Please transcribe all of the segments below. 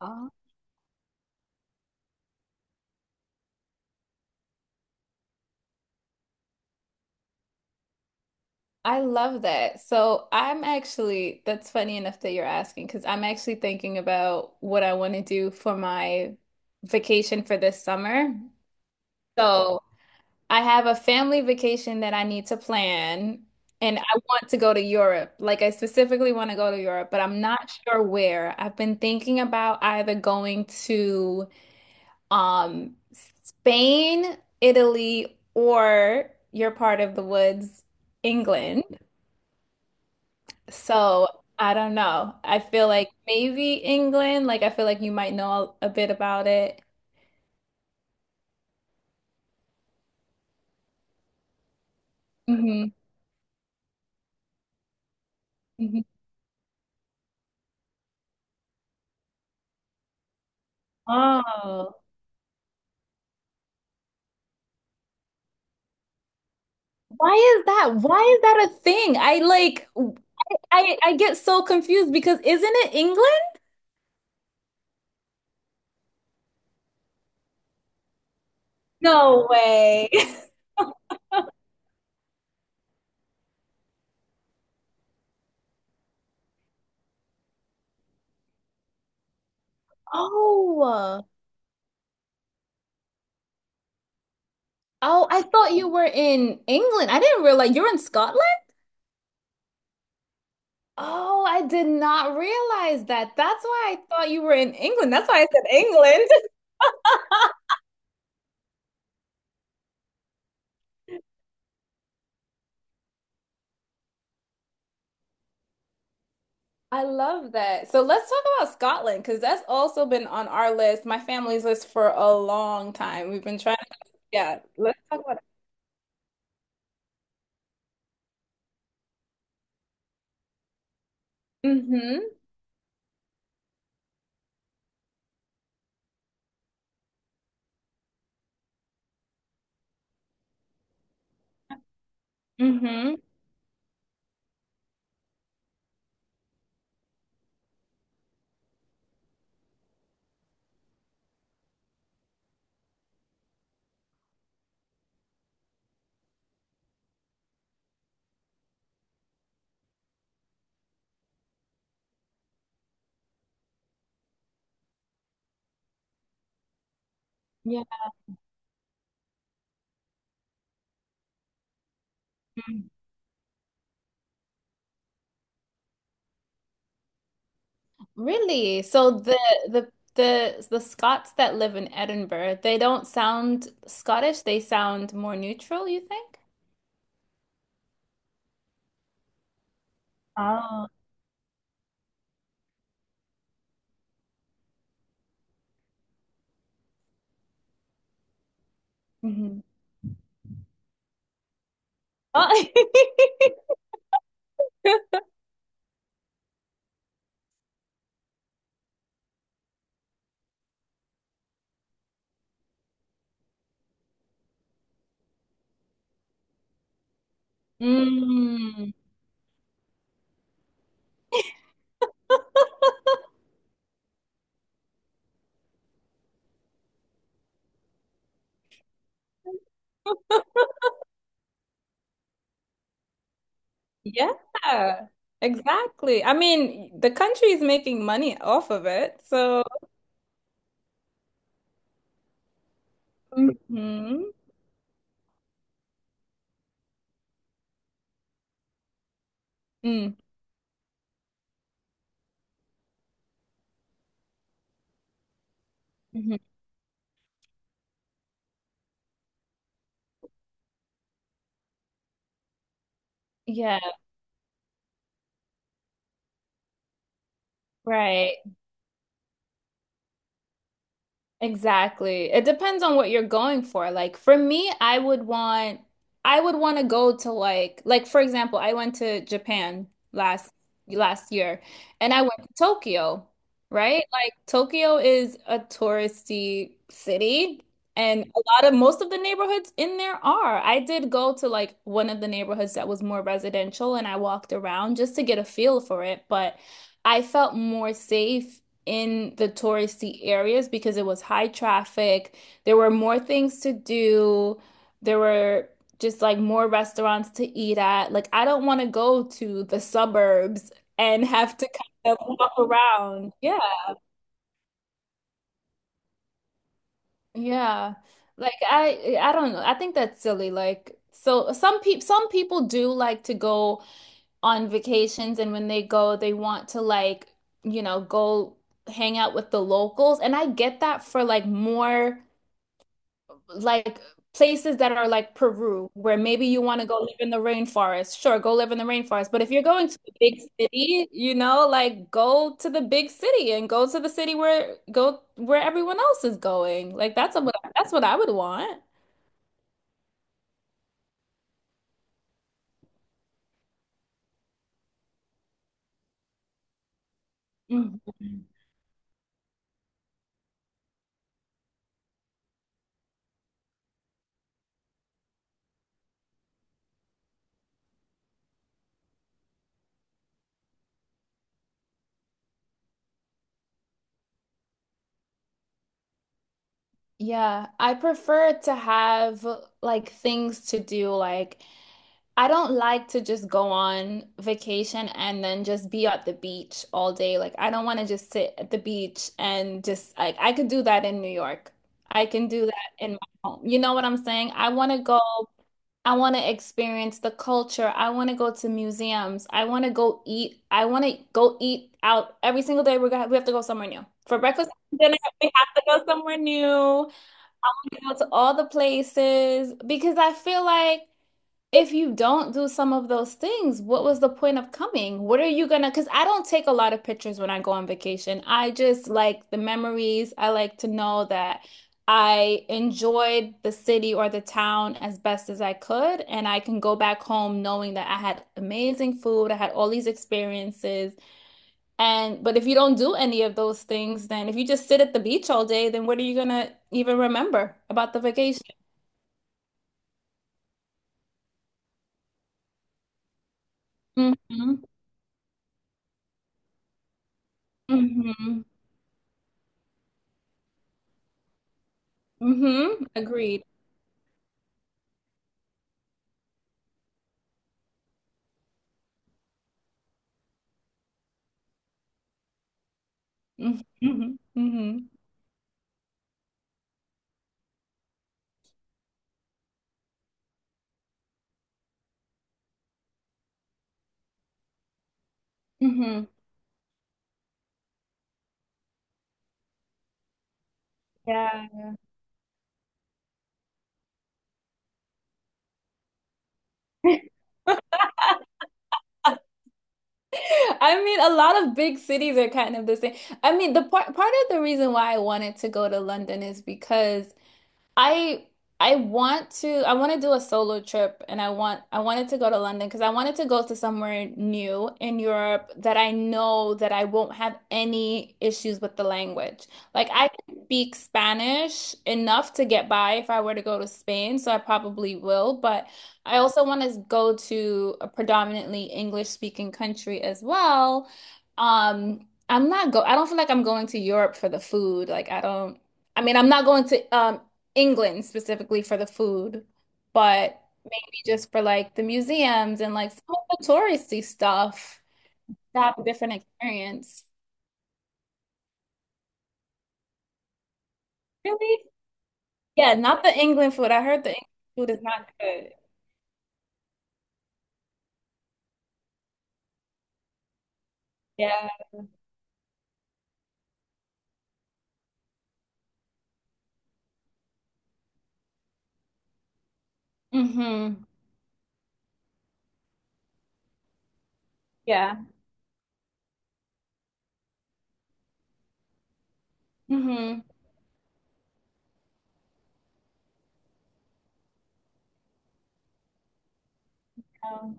Oh, I love that. So I'm actually, that's funny enough that you're asking, because I'm actually thinking about what I want to do for my vacation for this summer. So I have a family vacation that I need to plan, and I want to go to Europe. Like, I specifically want to go to Europe, but I'm not sure where. I've been thinking about either going to um Spain, Italy, or your part of the woods, England. So I don't know. I feel like maybe England. Like I feel like you might know a bit about it. hmm hmm Oh, why is that? Why is that a thing? I like I get so confused because isn't it England? No way. Oh. Oh, I thought you were in England. I didn't realize you're in Scotland. Oh, I did not realize that. That's why I thought you were in England. That's why I said England. I love that. So let's talk about Scotland because that's also been on our list, my family's list for a long time. We've been trying to, yeah, let's talk about it. Mm-hmm. Mm-hmm. Yeah. Really? So the Scots that live in Edinburgh, they don't sound Scottish, they sound more neutral, you think? Oh. Mm-hmm. Mm, yeah, exactly. I mean, the country is making money off of it, so Mm-hmm. Mm-hmm. Mm-hmm. Yeah, right. Exactly. It depends on what you're going for. Like for me, I would want to go to like for example, I went to Japan last last year and I went to Tokyo, right? Like Tokyo is a touristy city and a lot of most of the neighborhoods in there are. I did go to like one of the neighborhoods that was more residential and I walked around just to get a feel for it, but I felt more safe in the touristy areas because it was high traffic. There were more things to do. There were just like more restaurants to eat at. Like, I don't want to go to the suburbs and have to kind of walk around. Yeah. Yeah. Like I don't know. I think that's silly. Like so some people do like to go on vacations and when they go they want to like, you know, go hang out with the locals and I get that for like more like places that are like Peru, where maybe you want to go live in the rainforest. Sure, go live in the rainforest. But if you're going to a big city, you know, like go to the big city and go to the city where go where everyone else is going. Like that's what I would want. Mhm. Yeah, I prefer to have like things to do like I don't like to just go on vacation and then just be at the beach all day. Like, I don't want to just sit at the beach and just like I could do that in New York. I can do that in my home. You know what I'm saying? I want to go. I want to experience the culture. I want to go to museums. I want to go eat. I want to go eat out every single day. We're gonna, we have to go somewhere new. For breakfast and dinner, we have to go somewhere new. Go to all the places because I feel like if you don't do some of those things, what was the point of coming? What are you gonna? Because I don't take a lot of pictures when I go on vacation. I just like the memories. I like to know that I enjoyed the city or the town as best as I could, and I can go back home knowing that I had amazing food, I had all these experiences. And but if you don't do any of those things, then if you just sit at the beach all day, then what are you gonna even remember about the vacation? hmm hmm Agreed. hmm hmm hmm Yeah. I mean, a lot of big cities are kind of the same. I mean, the part of the reason why I wanted to go to London is because I I want to do a solo trip and I want I wanted to go to London because I wanted to go to somewhere new in Europe that I know that I won't have any issues with the language. Like I can speak Spanish enough to get by if I were to go to Spain, so I probably will, but I also want to go to a predominantly English speaking country as well. I'm not go I don't feel like I'm going to Europe for the food. Like I don't I mean, I'm not going to England specifically for the food, but just for like the museums and like some of the touristy stuff to have a different experience. Really? Yeah, not the England food. I heard the England food is not good. Yeah. Mm-hmm. Yeah. Mm-hmm. Yeah.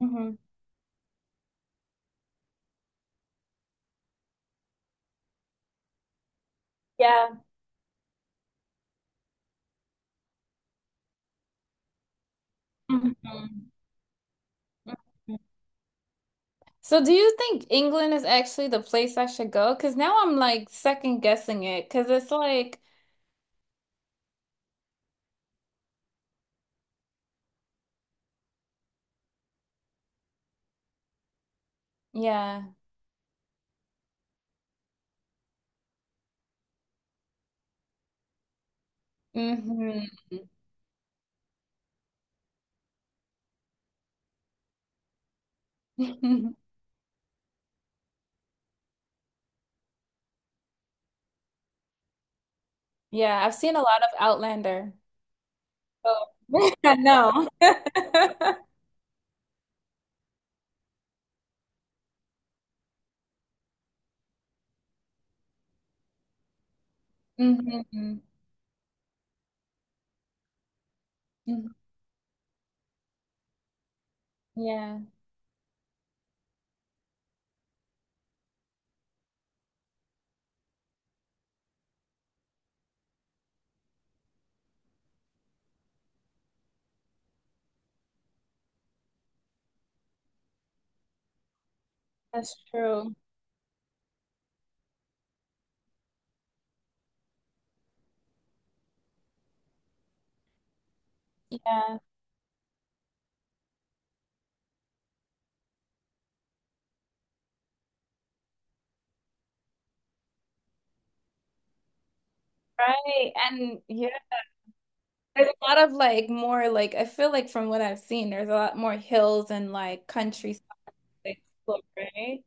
Mm-hmm. Yeah. Mm-hmm. Mm-hmm. So do you think England is actually the place I should go? Because now I'm like second guessing it because it's like, yeah. Mm-hmm. Yeah, I've seen a lot of Outlander. Oh, I know. hmm Yeah, that's true. Yeah, right. And yeah, there's a lot of like more like I feel like from what I've seen, there's a lot more hills and like country stuff to explore, right?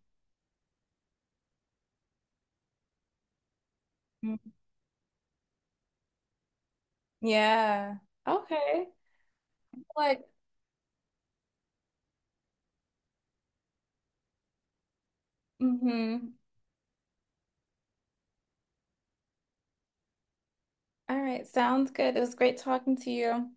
Mhm. Yeah. Okay. Like, mm-hmm. All right, sounds good. It was great talking to you.